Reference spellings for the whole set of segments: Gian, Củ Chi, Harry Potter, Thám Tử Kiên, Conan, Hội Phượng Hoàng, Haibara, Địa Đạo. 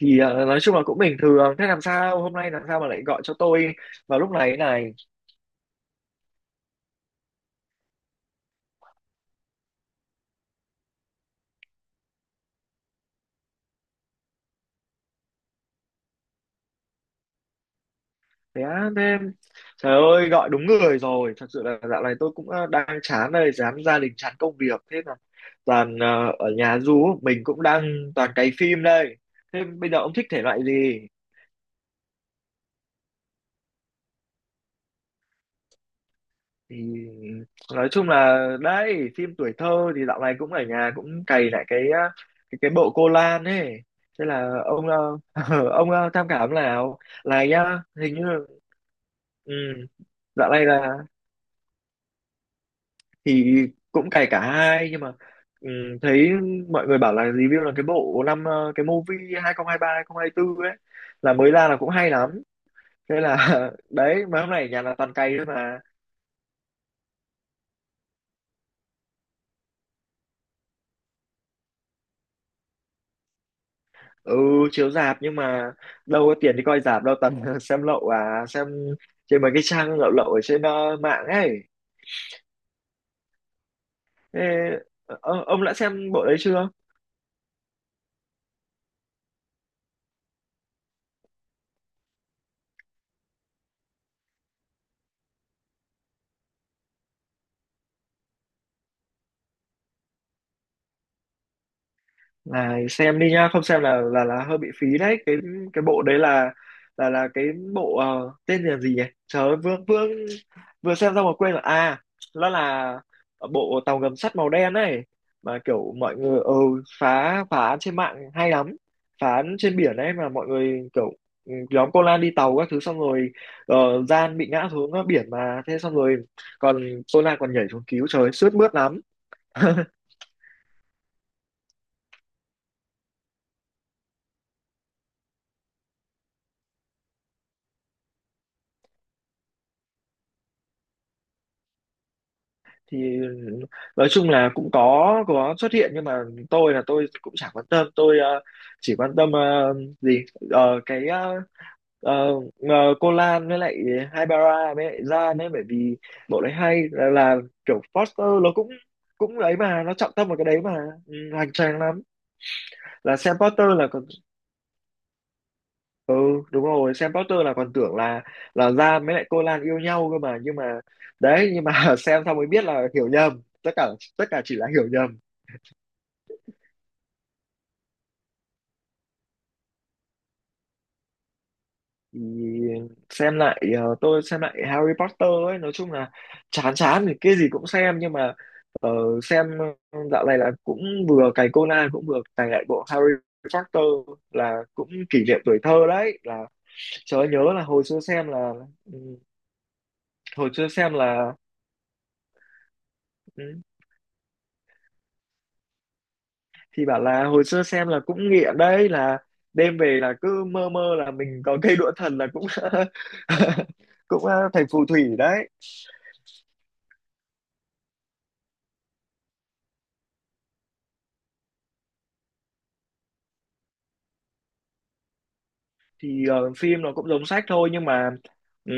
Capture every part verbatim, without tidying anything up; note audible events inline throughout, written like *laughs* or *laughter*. thì ờ, Nói chung là cũng bình thường. Thế làm sao hôm nay làm sao mà lại gọi cho tôi vào lúc này thế này? Thế á? Thế trời ơi, gọi đúng người rồi. Thật sự là dạo này tôi cũng ờ, đang chán đây, chán gia đình, chán công việc, thế là toàn ờ, ở nhà, du mình cũng đang toàn cày phim đây. Thế bây giờ ông thích thể loại gì? thì nói chung là đấy, phim tuổi thơ thì dạo này cũng ở nhà cũng cày lại cái ờ, cái, cái bộ cô Lan ấy. Thế là ông ờ, *laughs* ông ờ, tham khảo nào, này nhá, hình như. Ừ, dạo này là thì cũng cày cả hai nhưng mà ừ, thấy mọi người bảo là review là cái bộ năm ờ, cái movie hai không hai ba hai không hai tư ấy là mới ra là cũng hay lắm. Thế là *laughs* đấy mấy hôm nay ở nhà là toàn cày thôi mà. Ừ, chiếu rạp nhưng mà đâu có tiền đi coi rạp đâu, toàn *laughs* xem lậu à, xem trên mấy cái trang lậu lậu ở trên ờ, mạng ấy. Thế, ờ, ông đã xem bộ đấy chưa? Này xem đi nhá, không xem là là là hơi bị phí đấy. Cái cái bộ đấy là là là cái bộ ờ, tên là gì nhỉ? Trời ơi, vừa vừa vừa xem xong mà quên rồi. À, nó là bộ tàu ngầm sắt màu đen ấy, mà kiểu mọi người ừ, phá phá án trên mạng hay lắm. Phá án trên biển ấy, mà mọi người kiểu ừ, nhóm cô Lan đi tàu các thứ, xong rồi ờ, Gian bị ngã xuống ờ, biển mà, thế xong rồi còn cô Lan còn nhảy xuống cứu, trời ơi, sướt mướt lắm. *laughs* thì nói chung là cũng có có xuất hiện nhưng mà tôi là tôi cũng chẳng quan tâm, tôi ờ, chỉ quan tâm ờ, gì. Ờ, cái ờ, ờ, ờ, cô Lan với lại Haibara với lại Gian ấy, bởi vì bộ đấy hay là, là kiểu foster nó cũng cũng ấy mà, nó trọng tâm vào cái đấy mà. Ừ, hoành tráng lắm. Là xem poster là còn ừ, đúng rồi, xem poster là còn tưởng là là Gian với lại cô Lan yêu nhau cơ mà, nhưng mà đấy, nhưng mà *laughs* xem xong mới biết là hiểu nhầm tất cả, tất cả chỉ là hiểu nhầm. thì xem lại ờ, tôi xem lại Harry Potter ấy, nói chung là chán chán thì cái gì cũng xem, nhưng mà ờ, xem ờ, dạo này là cũng vừa cày Conan cũng vừa cày lại bộ Harry Potter, là cũng kỷ niệm tuổi thơ đấy là trời ơi, nhớ là hồi xưa xem là ừ, hồi xưa xem là ừ, thì bảo là hồi xưa xem là cũng nghiện đấy, là đêm về là cứ mơ mơ là mình có cây đũa thần, là cũng *laughs* cũng ờ, thành phù thủy đấy. Thì ờ, phim nó cũng giống sách thôi, nhưng mà ừm,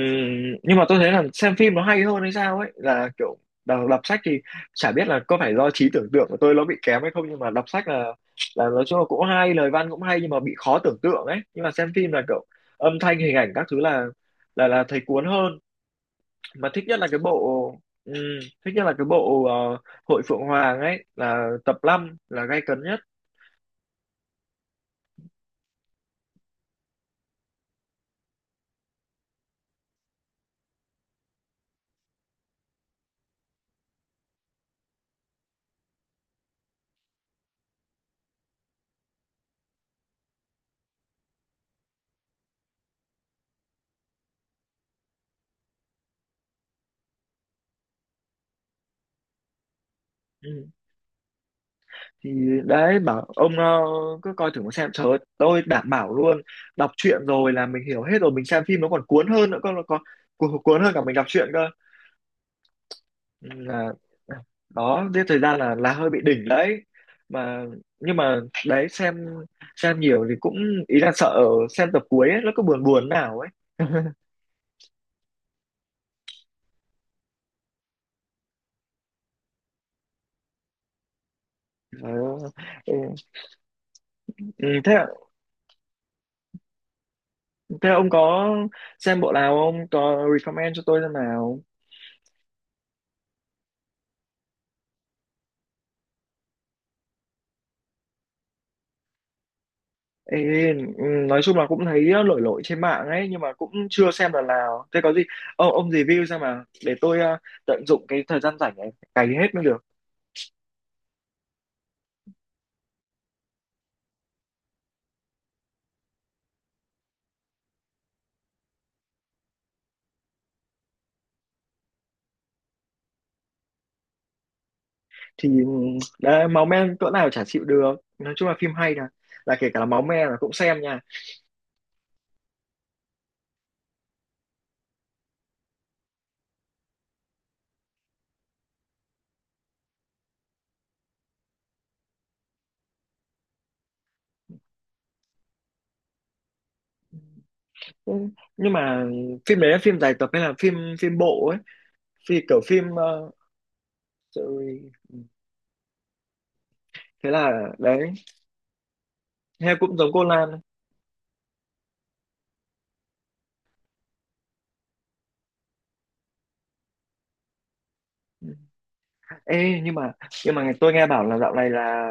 nhưng mà tôi thấy là xem phim nó hay hơn hay sao ấy, là kiểu đọc, đọc sách thì chả biết là có phải do trí tưởng tượng của tôi nó bị kém hay không, nhưng mà đọc sách là là nói chung là cũng hay, lời văn cũng hay nhưng mà bị khó tưởng tượng ấy, nhưng mà xem phim là kiểu âm thanh hình ảnh các thứ là là là thấy cuốn hơn. Mà thích nhất là cái bộ ừm, thích nhất là cái bộ ờ, Hội Phượng Hoàng ấy, là tập năm là gay cấn nhất. thì Đấy, bảo ông ờ, cứ coi thử mà xem, trời ơi, tôi đảm bảo luôn, đọc truyện rồi là mình hiểu hết rồi, mình xem phim nó còn cuốn hơn nữa, con còn cuốn cuốn hơn cả mình đọc truyện cơ. Ừ, là đó giết thời gian là là hơi bị đỉnh đấy mà. Nhưng mà đấy, xem xem nhiều thì cũng ý là sợ xem tập cuối ấy, nó cứ buồn buồn nào ấy. *laughs* Trời ơi. Ừ, ừ, thế thế ông có xem bộ nào không, có recommend cho tôi xem nào? Ê, ừ, nói chung là cũng thấy lội lội trên mạng ấy, nhưng mà cũng chưa xem lần nào, thế có gì ông ông review xem mà, để tôi ờ, tận dụng cái thời gian rảnh này cày hết mới được. Thì ừ, đấy, máu me cỡ nào chả chịu được, nói chung là phim hay là là kể cả là máu me là cũng xem nha. Ừ, nhưng mà phim đấy là phim dài tập hay là phim phim bộ ấy, phim kiểu phim ờ, rồi, thế là đấy hay, cũng giống cô Lan. Ê, nhưng mà nhưng mà tôi nghe bảo là dạo này là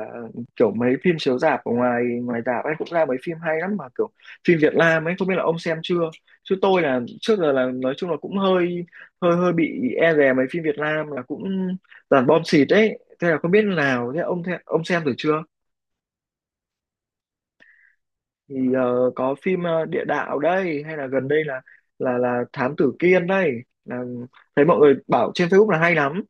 kiểu mấy phim chiếu rạp ở ngoài ngoài rạp ấy cũng ra mấy phim hay lắm, mà kiểu phim Việt Nam ấy, không biết là ông xem chưa, chứ tôi là trước giờ là nói chung là cũng hơi hơi hơi bị e dè mấy phim Việt Nam, là cũng toàn bom xịt ấy, thế là không biết nào, thế ông thế, ông xem thử chưa? Thì ờ, có phim ờ, Địa Đạo đây, hay là gần đây là là là Thám Tử Kiên đây, là thấy mọi người bảo trên Facebook là hay lắm.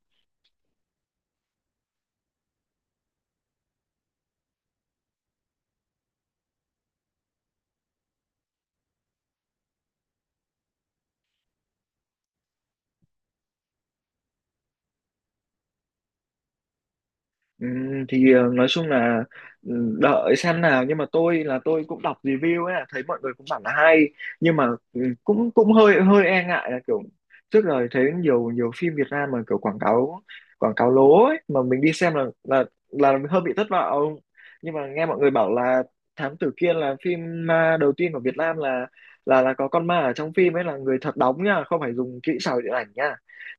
Ừm, thì ờ, nói chung là ừm, đợi xem nào, nhưng mà tôi là tôi cũng đọc review ấy, thấy mọi người cũng bảo là hay, nhưng mà ừm, cũng cũng hơi hơi e ngại là kiểu trước giờ thấy nhiều nhiều phim Việt Nam mà kiểu quảng cáo quảng cáo lố ấy, mà mình đi xem là là là mình hơi bị thất vọng, nhưng mà nghe mọi người bảo là Thám Tử Kiên là phim ma đầu tiên của Việt Nam là là là có con ma ở trong phim ấy là người thật đóng nha, không phải dùng kỹ xảo điện ảnh nha.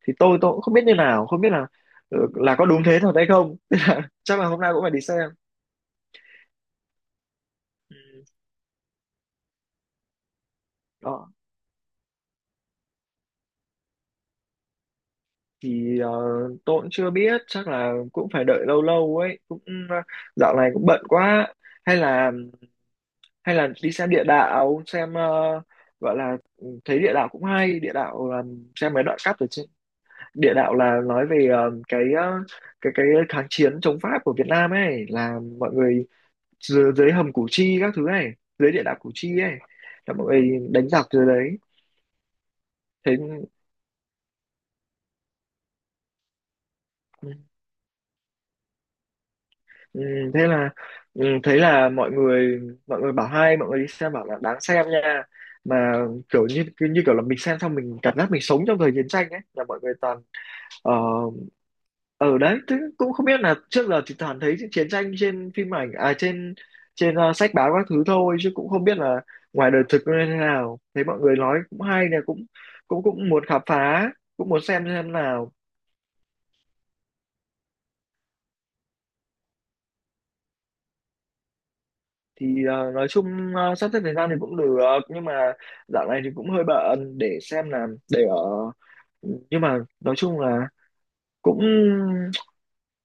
thì tôi tôi cũng không biết như nào, không biết là ờ, là có đúng thế thật hay không. *laughs* Chắc là hôm nay cũng phải đi xem. Ừ. Đó. thì ờ, tôi cũng chưa biết, chắc là cũng phải đợi lâu lâu ấy cũng ờ, dạo này cũng bận quá. Hay là hay là đi xem địa đạo xem ờ, gọi là ừ, thấy địa đạo cũng hay, địa đạo là xem mấy đoạn cắt ở trên, địa đạo là nói về ờ, cái ờ, cái cái kháng chiến chống Pháp của Việt Nam ấy, là mọi người dưới, dưới hầm Củ Chi các thứ này, dưới địa đạo Củ Chi ấy là mọi người đánh giặc dưới đấy thế. Ừ, ừ, thế là ừ, thấy là mọi người mọi người bảo hay, mọi người đi xem bảo là đáng xem nha, mà kiểu như cứ như kiểu là mình xem xong mình cảm giác mình sống trong thời chiến tranh ấy, là mọi người toàn ờ, ở đấy, thế cũng không biết là trước giờ thì toàn thấy chiến tranh trên phim ảnh à, trên trên ờ, sách báo các thứ thôi chứ cũng không biết là ngoài đời thực nó như thế nào, thấy mọi người nói cũng hay nè, cũng cũng cũng muốn khám phá, cũng muốn xem xem nào. Thì ờ, nói chung ờ, sắp xếp thời gian thì cũng được, nhưng mà dạo này thì cũng hơi bận để xem là để ở, nhưng mà nói chung là cũng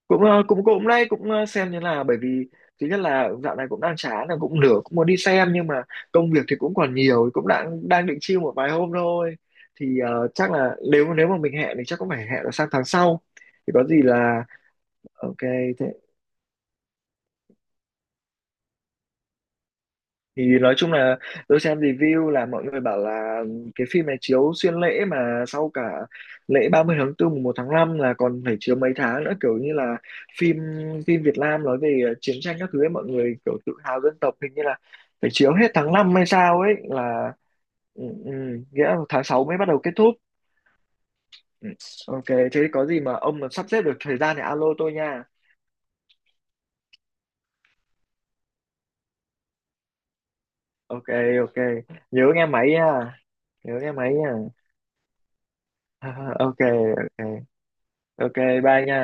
cũng ờ, cũng cũng nay cũng ờ, xem như là, bởi vì thứ nhất là dạo này cũng đang chán, là cũng nửa cũng muốn đi xem, nhưng mà công việc thì cũng còn nhiều, cũng đang đang định chill một vài hôm thôi. Thì ờ, chắc là nếu nếu mà mình hẹn thì chắc cũng phải hẹn là sang tháng sau, thì có gì là ok. Thế thì nói chung là tôi xem review là mọi người bảo là cái phim này chiếu xuyên lễ, mà sau cả lễ ba mươi tháng tư mùng 1 tháng năm là còn phải chiếu mấy tháng nữa, kiểu như là phim phim Việt Nam nói về ờ, chiến tranh các thứ ấy, mọi người kiểu tự hào dân tộc, hình như là phải chiếu hết tháng năm hay sao ấy là ừ, ừ, nghĩa là tháng sáu mới bắt đầu kết thúc. Ừ, ok. Thế có gì mà ông mà sắp xếp được thời gian thì alo tôi nha. Ok, ok. Nhớ nghe máy nha. Nhớ nghe máy nha. *laughs* Ok, ok, ok. Bye nha.